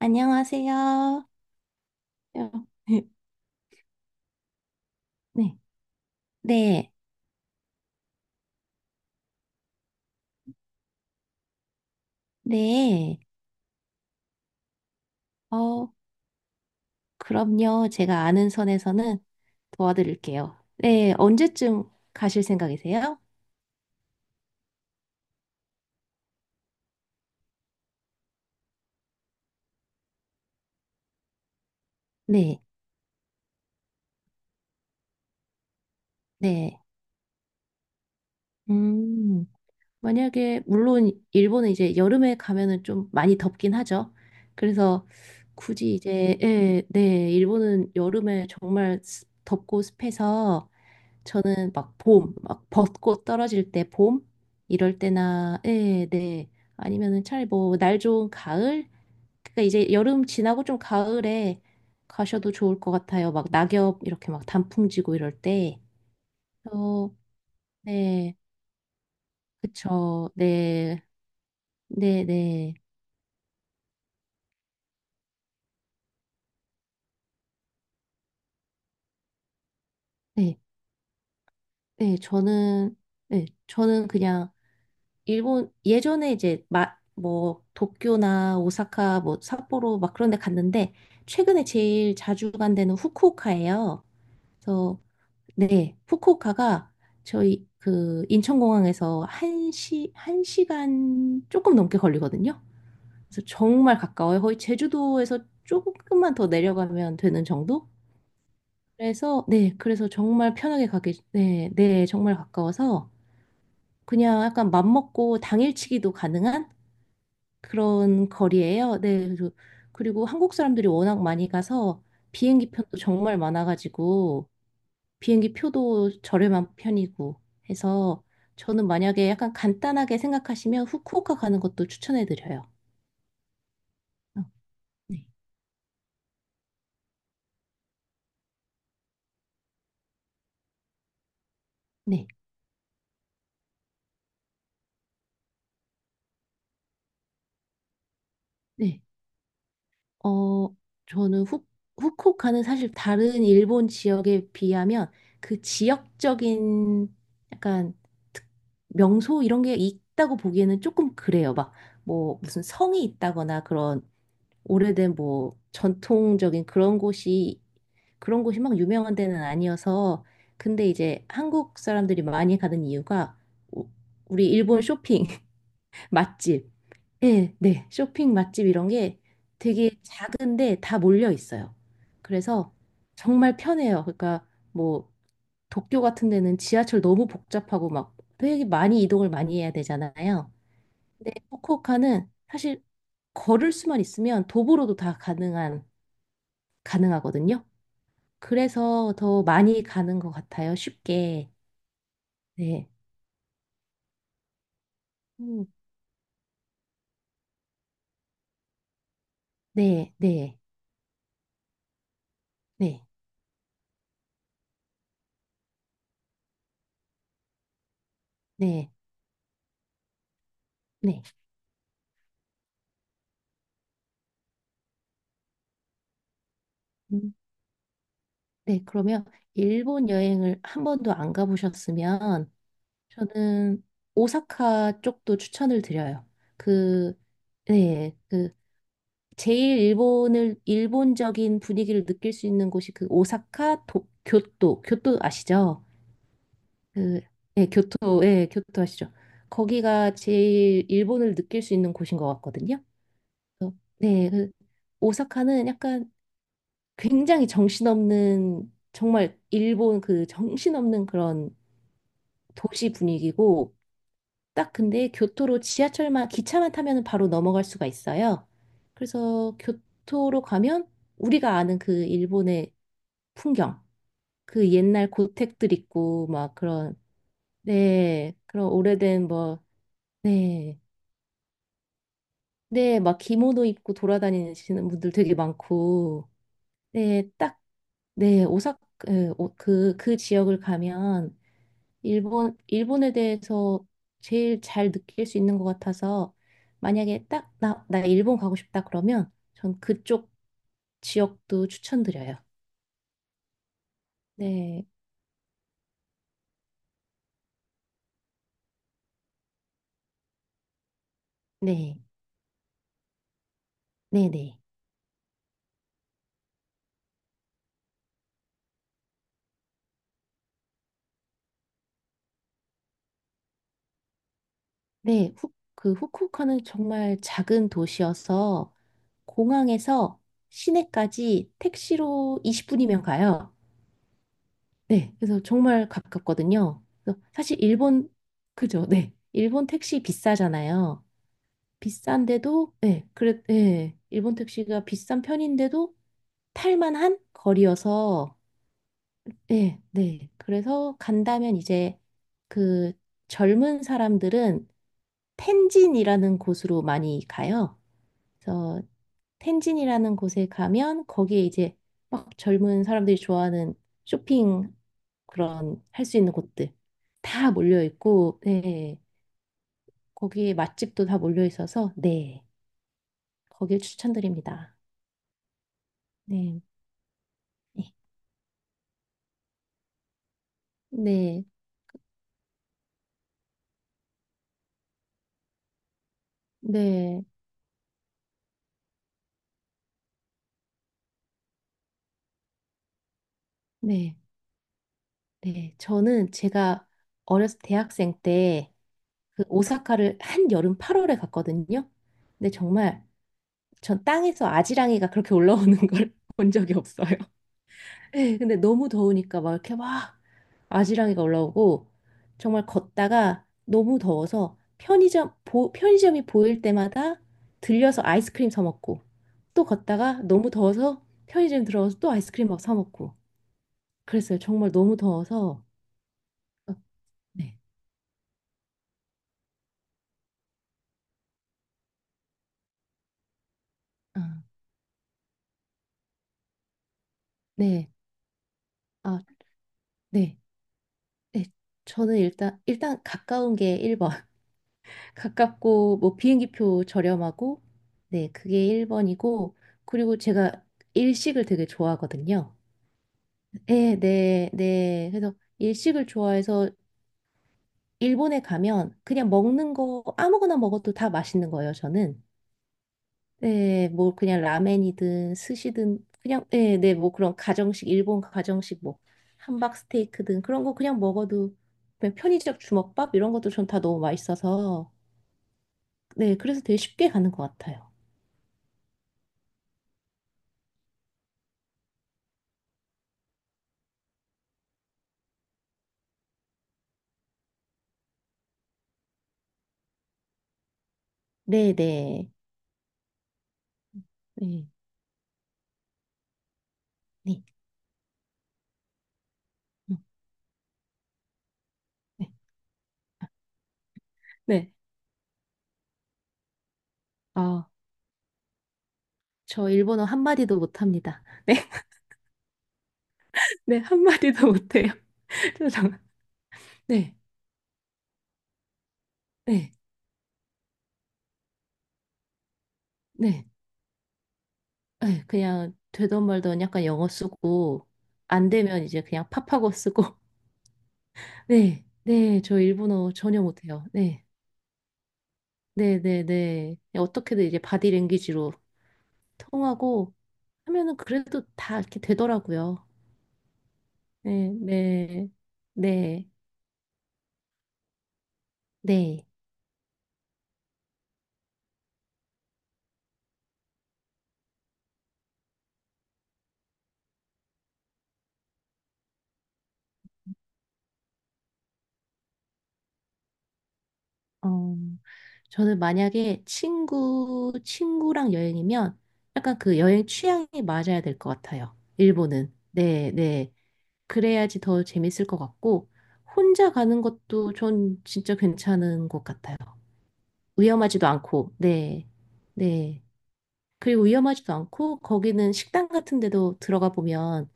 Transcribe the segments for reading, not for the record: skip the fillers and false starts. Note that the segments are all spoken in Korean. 안녕하세요. 요. 네, 네, 네. 어, 그럼요. 제가 아는 선에서는 도와드릴게요. 네, 언제쯤 가실 생각이세요? 네, 네. 음, 만약에, 물론, 일본은 이제 여름에 가면은 좀 많이 덥긴 하죠. 그래서 굳이 이제, 예, 네, 일본은 여름에 정말 덥고 습해서 저는 막 봄, 막 벚꽃 떨어질 때 봄? 이럴 때나, 네, 네. 아니면은 차라리 뭐, 날 좋은 가을? 그러니까 이제 여름 지나고 좀 가을에 가셔도 좋을 것 같아요. 막 낙엽 이렇게 막 단풍 지고 이럴 때. 어, 네. 그쵸. 네. 네, 네. 네. 네. 네. 저는 그냥 일본 예전에 이제 뭐 도쿄나 오사카 뭐 삿포로 막 그런 데 갔는데 최근에 제일 자주 간 데는 후쿠오카예요. 그래서 네, 후쿠오카가 저희 그 인천공항에서 한시한시간 조금 넘게 걸리거든요. 그래서 정말 가까워요. 거의 제주도에서 조금만 더 내려가면 되는 정도? 그래서 네, 그래서 정말 편하게 가게 네, 네, 정말 가까워서 그냥 약간 맘 먹고 당일치기도 가능한 그런 거리예요. 네. 그래서- 그리고 한국 사람들이 워낙 많이 가서 비행기 편도 정말 많아가지고 비행기 표도 저렴한 편이고 해서 저는 만약에 약간 간단하게 생각하시면 후쿠오카 가는 것도 추천해드려요. 어, 네. 네. 네. 어, 저는 후쿠오카는 사실 다른 일본 지역에 비하면 그 지역적인 약간 특- 명소 이런 게 있다고 보기에는 조금 그래요. 막 뭐 무슨 성이 있다거나 그런 오래된 뭐 전통적인 그런 곳이 막 유명한 데는 아니어서 근데 이제 한국 사람들이 많이 가는 이유가 우- 우리 일본 쇼핑 맛집. 예, 네. 쇼핑 맛집 이런 게 되게 작은데 다 몰려 있어요. 그래서 정말 편해요. 그러니까 뭐 도쿄 같은 데는 지하철 너무 복잡하고 막 되게 많이 이동을 많이 해야 되잖아요. 근데 후쿠오카는 사실 걸을 수만 있으면 도보로도 다 가능한 가능하거든요. 그래서 더 많이 가는 것 같아요. 쉽게. 네. 음, 네, 네, 네, 네, 네. 음. 네, 그러면 일본 여행을 한 번도 안 가보셨으면 저는 오사카 쪽도 추천을 드려요. 그, 네, 그 제일 일본을 일본적인 분위기를 느낄 수 있는 곳이 그 오사카 교토, 교토 아시죠? 그, 네, 교토, 예, 교토 아시죠? 거기가 제일 일본을 느낄 수 있는 곳인 것 같거든요. 그래서 네, 그 오사카는 약간 굉장히 정신없는 정말 일본 그 정신없는 그런 도시 분위기고 딱 근데 교토로 지하철만 기차만 타면 바로 넘어갈 수가 있어요. 그래서 교토로 가면 우리가 아는 그 일본의 풍경, 그 옛날 고택들 있고 막 그런 네 그런 오래된 뭐 네 네 막 기모노 입고 돌아다니시는 분들 되게 많고 네딱네 오사카 그그 지역을 가면 일본에 대해서 제일 잘 느낄 수 있는 것 같아서 만약에 딱 나 일본 가고 싶다 그러면 전 그쪽 지역도 추천드려요. 네, 네, 네, 네. 네, 그 후쿠오카는 정말 작은 도시여서 공항에서 시내까지 택시로 20분이면 가요. 네, 그래서 정말 가깝거든요. 그래서 사실 일본, 그죠? 네. 일본 택시 비싸잖아요. 비싼데도, 예, 그래, 예, 일본 택시가 비싼 편인데도 탈만한 거리여서, 예, 네. 그래서 간다면 이제 그 젊은 사람들은 텐진이라는 곳으로 많이 가요. 그래서 텐진이라는 곳에 가면 거기에 이제 막 젊은 사람들이 좋아하는 쇼핑 그런 할 수 있는 곳들 다 몰려 있고, 네. 거기에 맛집도 다 몰려 있어서, 네. 거길 추천드립니다. 네. 네. 네, 네, 네, 네. 저는 제가 어렸을 때 대학생 때 그 오사카를 한 여름 8월에 갔거든요. 근데 정말 전 땅에서 아지랑이가 그렇게 올라오는 걸 본 적이 없어요. 네, 근데 너무 더우니까 막 이렇게 막 아지랑이가 올라오고 정말 걷다가 너무 더워서 편의점이 보일 때마다 들려서 아이스크림 사 먹고 또 걷다가 너무 더워서 편의점 들어가서 또 아이스크림 막 사 먹고 그랬어요. 정말 너무 더워서. 어, 네. 아, 네. 아, 네. 네. 저는 일단 가까운 게 1번. 가깝고 뭐 비행기표 저렴하고 네, 그게 1번이고 그리고 제가 일식을 되게 좋아하거든요. 네, 네, 네. 그래서 일식을 좋아해서 일본에 가면 그냥 먹는 거 아무거나 먹어도 다 맛있는 거예요, 저는. 네, 뭐 그냥 라멘이든 스시든 그냥 네, 네, 뭐 그런 가정식 일본 가정식 뭐 함박 스테이크든 그런 거 그냥 먹어도 그냥 편의점 주먹밥 이런 것도 전 다 너무 맛있어서 네, 그래서 되게 쉽게 가는 것 같아요. 네, 네. 네. 네. 음, 네. 네. 아, 저 일본어 한마디도 못합니다. 네. 네, 한마디도 못해요. 저 정- 네. 네. 네. 네. 그냥 되던 말던 약간 영어 쓰고 안 되면 이제 그냥 팝하고 쓰고 네, 네, 저 일본어 전혀 못해요. 네, 네, 네, 네. 어떻게든 이제 바디랭귀지로 통하고 하면은 그래도 다 이렇게 되더라고요. 네, 네, 네, 네. 어, 저는 만약에 친구랑 여행이면 약간 그 여행 취향이 맞아야 될 것 같아요. 일본은. 네, 네. 그래야지 더 재밌을 것 같고, 혼자 가는 것도 전 진짜 괜찮은 것 같아요. 위험하지도 않고, 네, 네. 그리고 위험하지도 않고, 거기는 식당 같은 데도 들어가 보면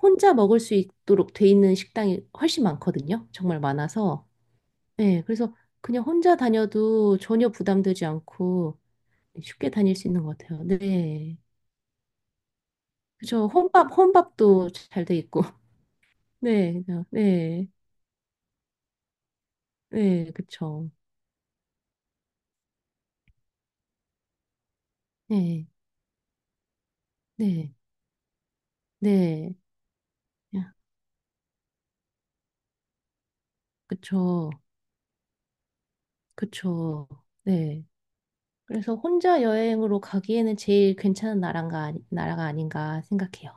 혼자 먹을 수 있도록 돼 있는 식당이 훨씬 많거든요. 정말 많아서. 네, 그래서 그냥 혼자 다녀도 전혀 부담되지 않고 쉽게 다닐 수 있는 것 같아요. 네. 그쵸. 혼밥도 잘 돼 있고. 네, 네, 네, 그쵸. 네, 네, 네. 그쵸. 그쵸. 네. 그래서 혼자 여행으로 가기에는 제일 괜찮은 나라가, 아니- 나라가 아닌가 생각해요.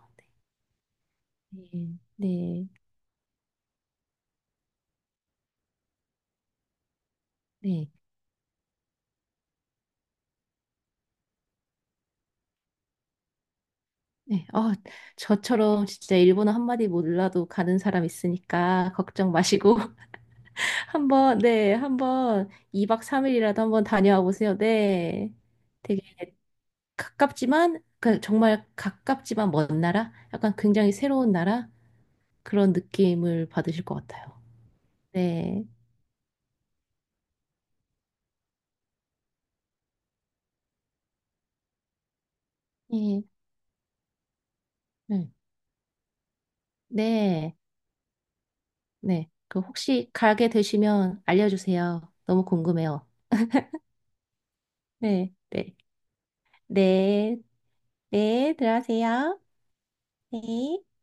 네. 네. 네. 네. 어, 저처럼 진짜 일본어 한마디 몰라도 가는 사람 있으니까 걱정 마시고 한번 2박 3일이라도 한번 다녀와 보세요. 네. 되게 가깝지만 그 정말 가깝지만 먼 나라? 약간 굉장히 새로운 나라? 그런 느낌을 받으실 것 같아요. 네. 네. 네. 네. 네. 그 혹시 가게 되시면 알려주세요. 너무 궁금해요. 네, 네. 네, 네, 들어가세요. 네.